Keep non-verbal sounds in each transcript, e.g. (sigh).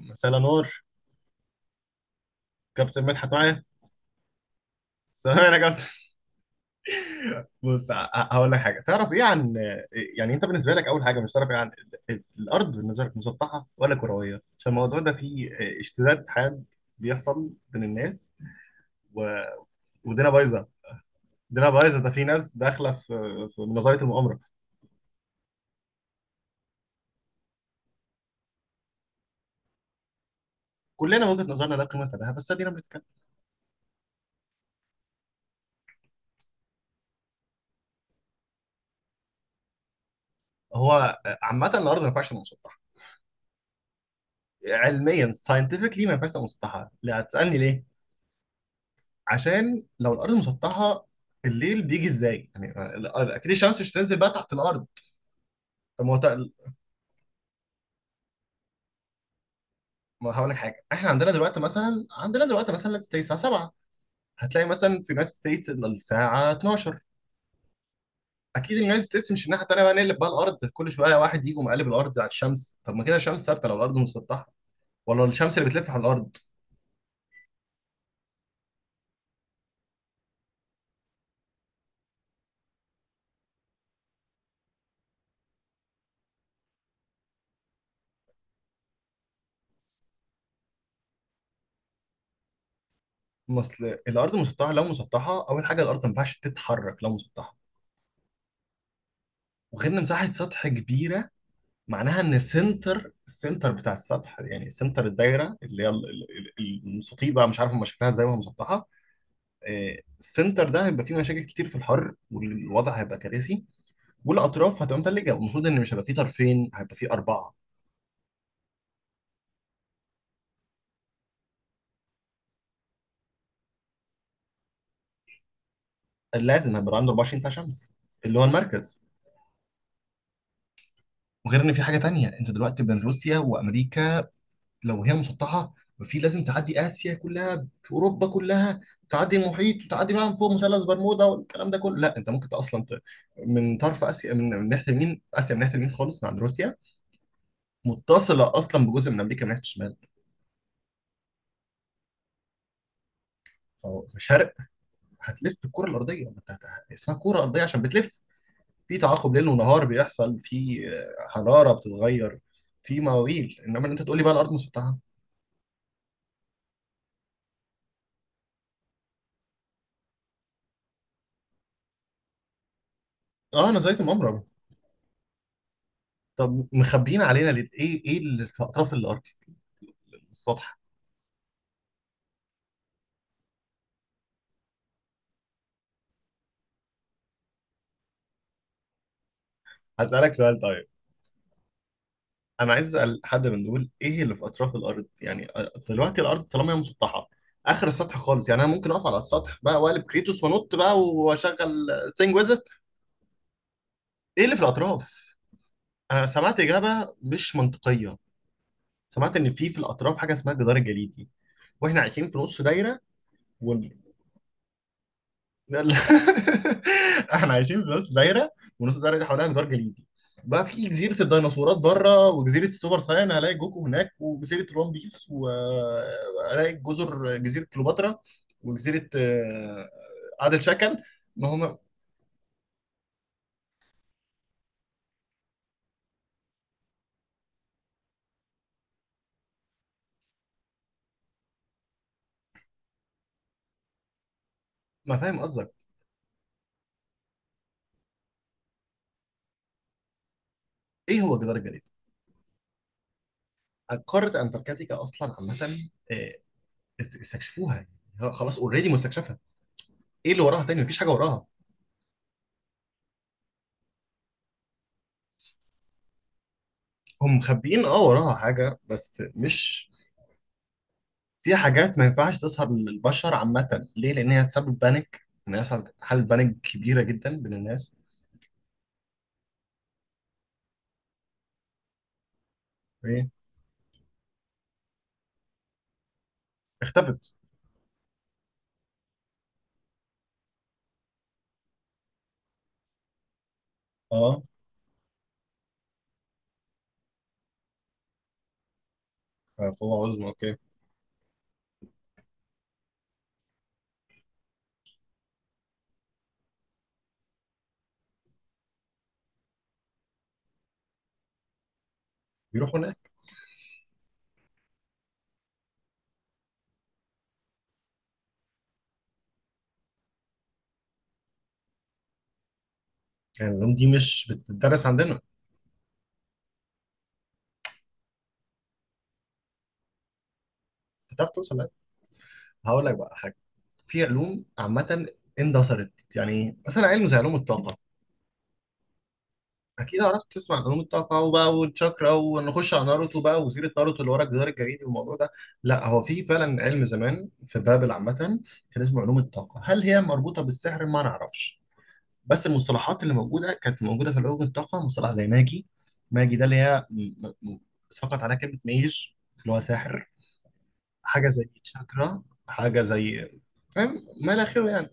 مساء الانوار. كابتن مدحت معايا. السلام عليكم يا كابتن. بص، هقول لك حاجه. تعرف ايه عن يعني انت بالنسبه لك اول حاجه، مش تعرف ايه عن الارض، بالنسبه لك مسطحه ولا كرويه؟ عشان الموضوع ده فيه اشتداد حاد بيحصل بين الناس و... ودينا بايظه دينا بايظه، ده في ناس داخله في نظريه المؤامره. كلنا من وجهه نظرنا لا قيمه لها، بس ادينا بنتكلم. هو عامه الارض ما ينفعش تبقى مسطحه. علميا، ساينتفكلي، ما ينفعش تبقى مسطحه. لا هتسالني ليه. عشان لو الارض مسطحه، الليل بيجي ازاي يعني؟ اكيد الشمس مش هتنزل بقى تحت الارض. طب ما هو ما هقول لك حاجه. احنا عندنا دلوقتي مثلا زي الساعه 7، هتلاقي مثلا في اليونايتد ستيتس الساعه 12. اكيد اليونايتد ستيتس مش الناحيه التانيه بقى، نقلب بقى الارض كل شويه واحد يجي ومقلب الارض على الشمس. طب ما كده الشمس ثابته لو الارض مسطحه، ولا الشمس اللي بتلف على الارض؟ ما اصل الارض مسطحه، لو مسطحه اول حاجه الارض ما ينفعش تتحرك لو مسطحه. وغير ان مساحه سطح كبيره معناها ان السنتر بتاع السطح، يعني سنتر الدايره اللي هي المستطيل بقى، مش عارف هم شكلها ازاي وهي مسطحه. السنتر ده هيبقى فيه مشاكل كتير في الحر، والوضع هيبقى كارثي. والاطراف هتبقى متلجه، والمفروض ان مش هيبقى فيه طرفين، هيبقى فيه اربعه. لازم هيبقى عنده 24 ساعه شمس، اللي هو المركز. وغير ان في حاجه تانيه، انت دلوقتي بين روسيا وامريكا، لو هي مسطحه ففي لازم تعدي اسيا كلها، اوروبا كلها، تعدي المحيط وتعدي بقى من فوق مثلث برمودا والكلام ده كله. لا انت ممكن اصلا من طرف اسيا، من ناحيه اليمين، اسيا من ناحيه اليمين خالص مع روسيا، متصله اصلا بجزء من امريكا من ناحيه الشمال. فشرق هتلف الكره الارضيه، ما انت اسمها كره ارضيه عشان بتلف. في تعاقب ليل ونهار بيحصل، في حراره بتتغير. في مواويل. انما إن انت تقول لي بقى الارض مسطحه. اه، نظريه المؤامره. طب مخبيين علينا ليه؟ ايه اللي في اطراف الارض؟ السطح. هسألك سؤال طيب. أنا عايز أسأل حد من دول، إيه اللي في أطراف الأرض؟ يعني دلوقتي الأرض طالما هي مسطحة، آخر السطح خالص. يعني أنا ممكن أقف على السطح بقى وأقلب كريتوس وأنط بقى وأشغل ثينج ويزت. إيه اللي في الأطراف؟ أنا سمعت إجابة مش منطقية. سمعت إن في الأطراف حاجة اسمها الجدار الجليدي، وإحنا عايشين في نص دايرة. يلا. (laughs) احنا عايشين في نص دايره، ونص الدايره دي حواليها جدار جليدي. بقى في جزيره الديناصورات بره، وجزيره السوبر ساين هلاقي جوكو هناك، وجزيره الون بيس، وهلاقي جزر جزيره كليوباترا، وجزيره عادل شكل. ما هو. ما فاهم قصدك. ايه هو الجدار الجليدي؟ قاره انتاركتيكا اصلا عامه، استكشفوها. ها، خلاص اوريدي مستكشفها. ايه اللي وراها تاني؟ مفيش حاجه وراها. هم مخبيين اه وراها حاجه بس مش. في حاجات ما ينفعش تظهر للبشر عامة ليه؟ لأن هي تسبب بانيك، إن يحصل حالة بانيك كبيرة جدا بين الناس. إيه؟ اختفت. أه. قوة عظمى، أوكي. بيروحوا هناك. يعني العلوم دي مش بتدرس عندنا. هتعرف توصل لها. هقول لك بقى حاجة. في علوم عامة اندثرت. يعني إيه؟ مثلا علم زي علوم الطاقة. اكيد عرفت تسمع عن علوم الطاقه بقى والشakra، ونخش على ناروتو بقى وسيره ناروتو اللي ورا الجدار الجليدي والموضوع ده. لا هو في فعلا علم زمان في بابل عامه، كان اسمه علوم الطاقه. هل هي مربوطه بالسحر؟ ما نعرفش. بس المصطلحات اللي موجوده كانت موجوده في علوم الطاقه، مصطلح زي ماجي. ماجي ده اللي هي سقط عليها كلمه ميج، اللي هو ساحر. حاجه زي شاكرا، حاجه زي، فاهم؟ ما الى اخره يعني.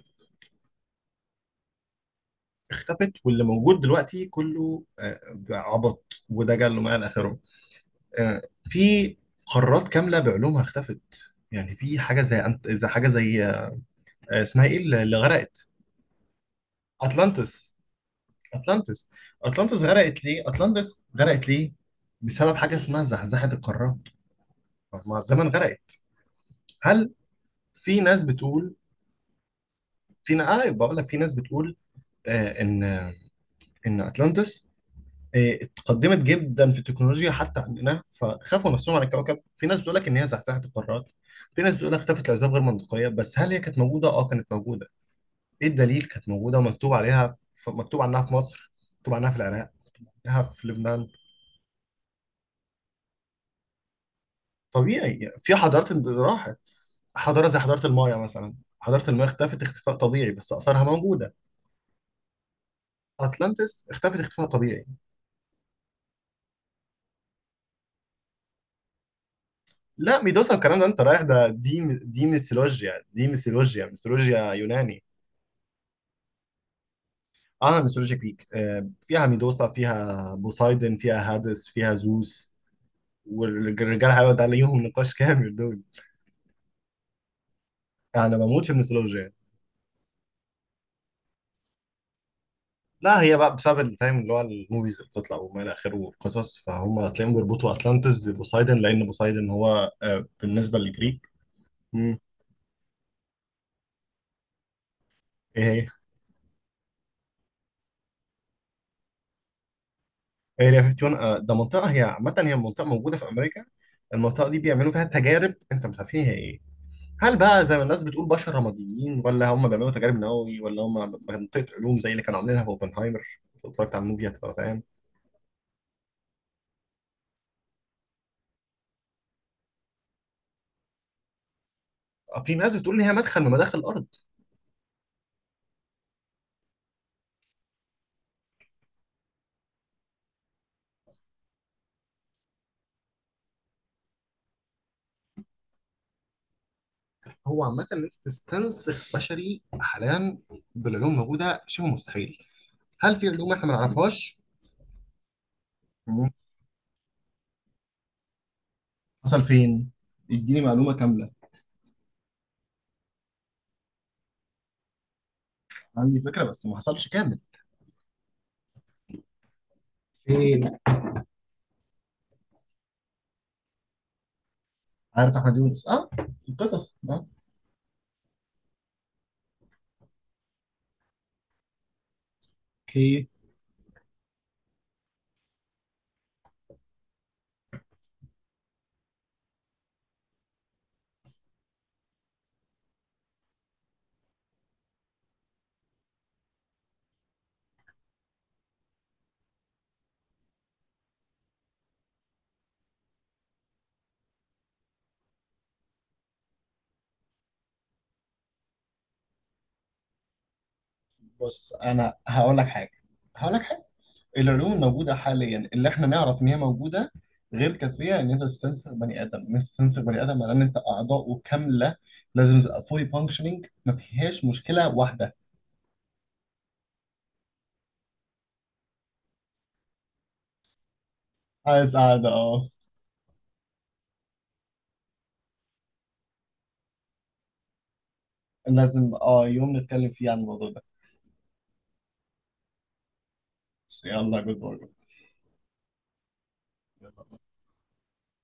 اختفت، واللي موجود دلوقتي كله عبط ودجل وما الى اخره. آه، في قارات كامله بعلومها اختفت. يعني في حاجه زي زي حاجه زي اسمها ايه، اللي غرقت. اتلانتس. اتلانتس. اتلانتس غرقت ليه؟ اتلانتس غرقت ليه؟ بسبب حاجه اسمها زحزحه القارات، مع الزمن غرقت. هل. في ناس بتقول. بقول لك في ناس بتقول آه، ان ان اتلانتس، إيه، اتقدمت جدا في التكنولوجيا حتى عندنا، فخافوا نفسهم على الكوكب. في ناس بتقول لك ان هي زحزحت القارات. في ناس بتقول لك اختفت لاسباب غير منطقيه. بس هل هي كانت موجوده؟ اه كانت موجوده. ايه الدليل؟ كانت موجوده ومكتوب عليها. مكتوب عنها في مصر، مكتوب عنها في العراق، عنها في لبنان. طبيعي يعني، في حضارات راحت. حضاره زي حضاره المايا مثلا، حضاره المايا اختفت اختفاء طبيعي، بس اثارها موجوده. اتلانتس اختفت اختفاء طبيعي. لا، ميدوسا الكلام ده انت رايح ده، دي ميثولوجيا، دي ميثولوجيا، ميثولوجيا يوناني. عالم الميثولوجيا الجريك فيها ميدوسا، فيها بوسايدن، فيها هادس، فيها زوس. والرجال حلوة ده ليهم نقاش كامل، دول انا بموت في الميثولوجيا. لا هي بقى بسبب الفاهم اللي هو الموفيز اللي بتطلع وما الى اخره والقصص، فهم هتلاقيهم بيربطوا اتلانتس ببوسايدن، لان بوسايدن هو بالنسبه للجريك. مم. ايه هي اريا 51، ده منطقه هي عامه، هي منطقه موجوده في امريكا. المنطقه دي بيعملوا فيها تجارب، انت مش عارف هي ايه هي. هل بقى زي ما الناس بتقول بشر رماديين، ولا هم بيعملوا تجارب نووي، ولا هم منطقة علوم زي اللي كانوا عاملينها في اوبنهايمر؟ اتفرجت على الموفي هتبقى فاهم. في ناس بتقول ان هي مدخل من مداخل الارض. هو عامة ان انت تستنسخ بشري حاليا بالعلوم الموجودة شبه مستحيل. هل في علوم احنا ما نعرفهاش؟ مم. حصل فين؟ اديني معلومة كاملة. عندي فكرة بس ما حصلش كامل. فين؟ عارف احمد يونس، اه. القصص، اه. اوكي. بص انا هقول لك حاجة، هقول لك حاجة. العلوم الموجودة حاليا اللي احنا نعرف ان هي موجودة غير كافية ان انت تستنسخ بني ادم، ان انت تستنسخ بني ادم على ان انت اعضاؤه كاملة. لازم تبقى فولي فانكشنينج، ما فيهاش مشكلة واحدة. عايز قاعدة، اه. لازم، اه، يوم نتكلم فيه عن الموضوع ده. يلا. جود باي.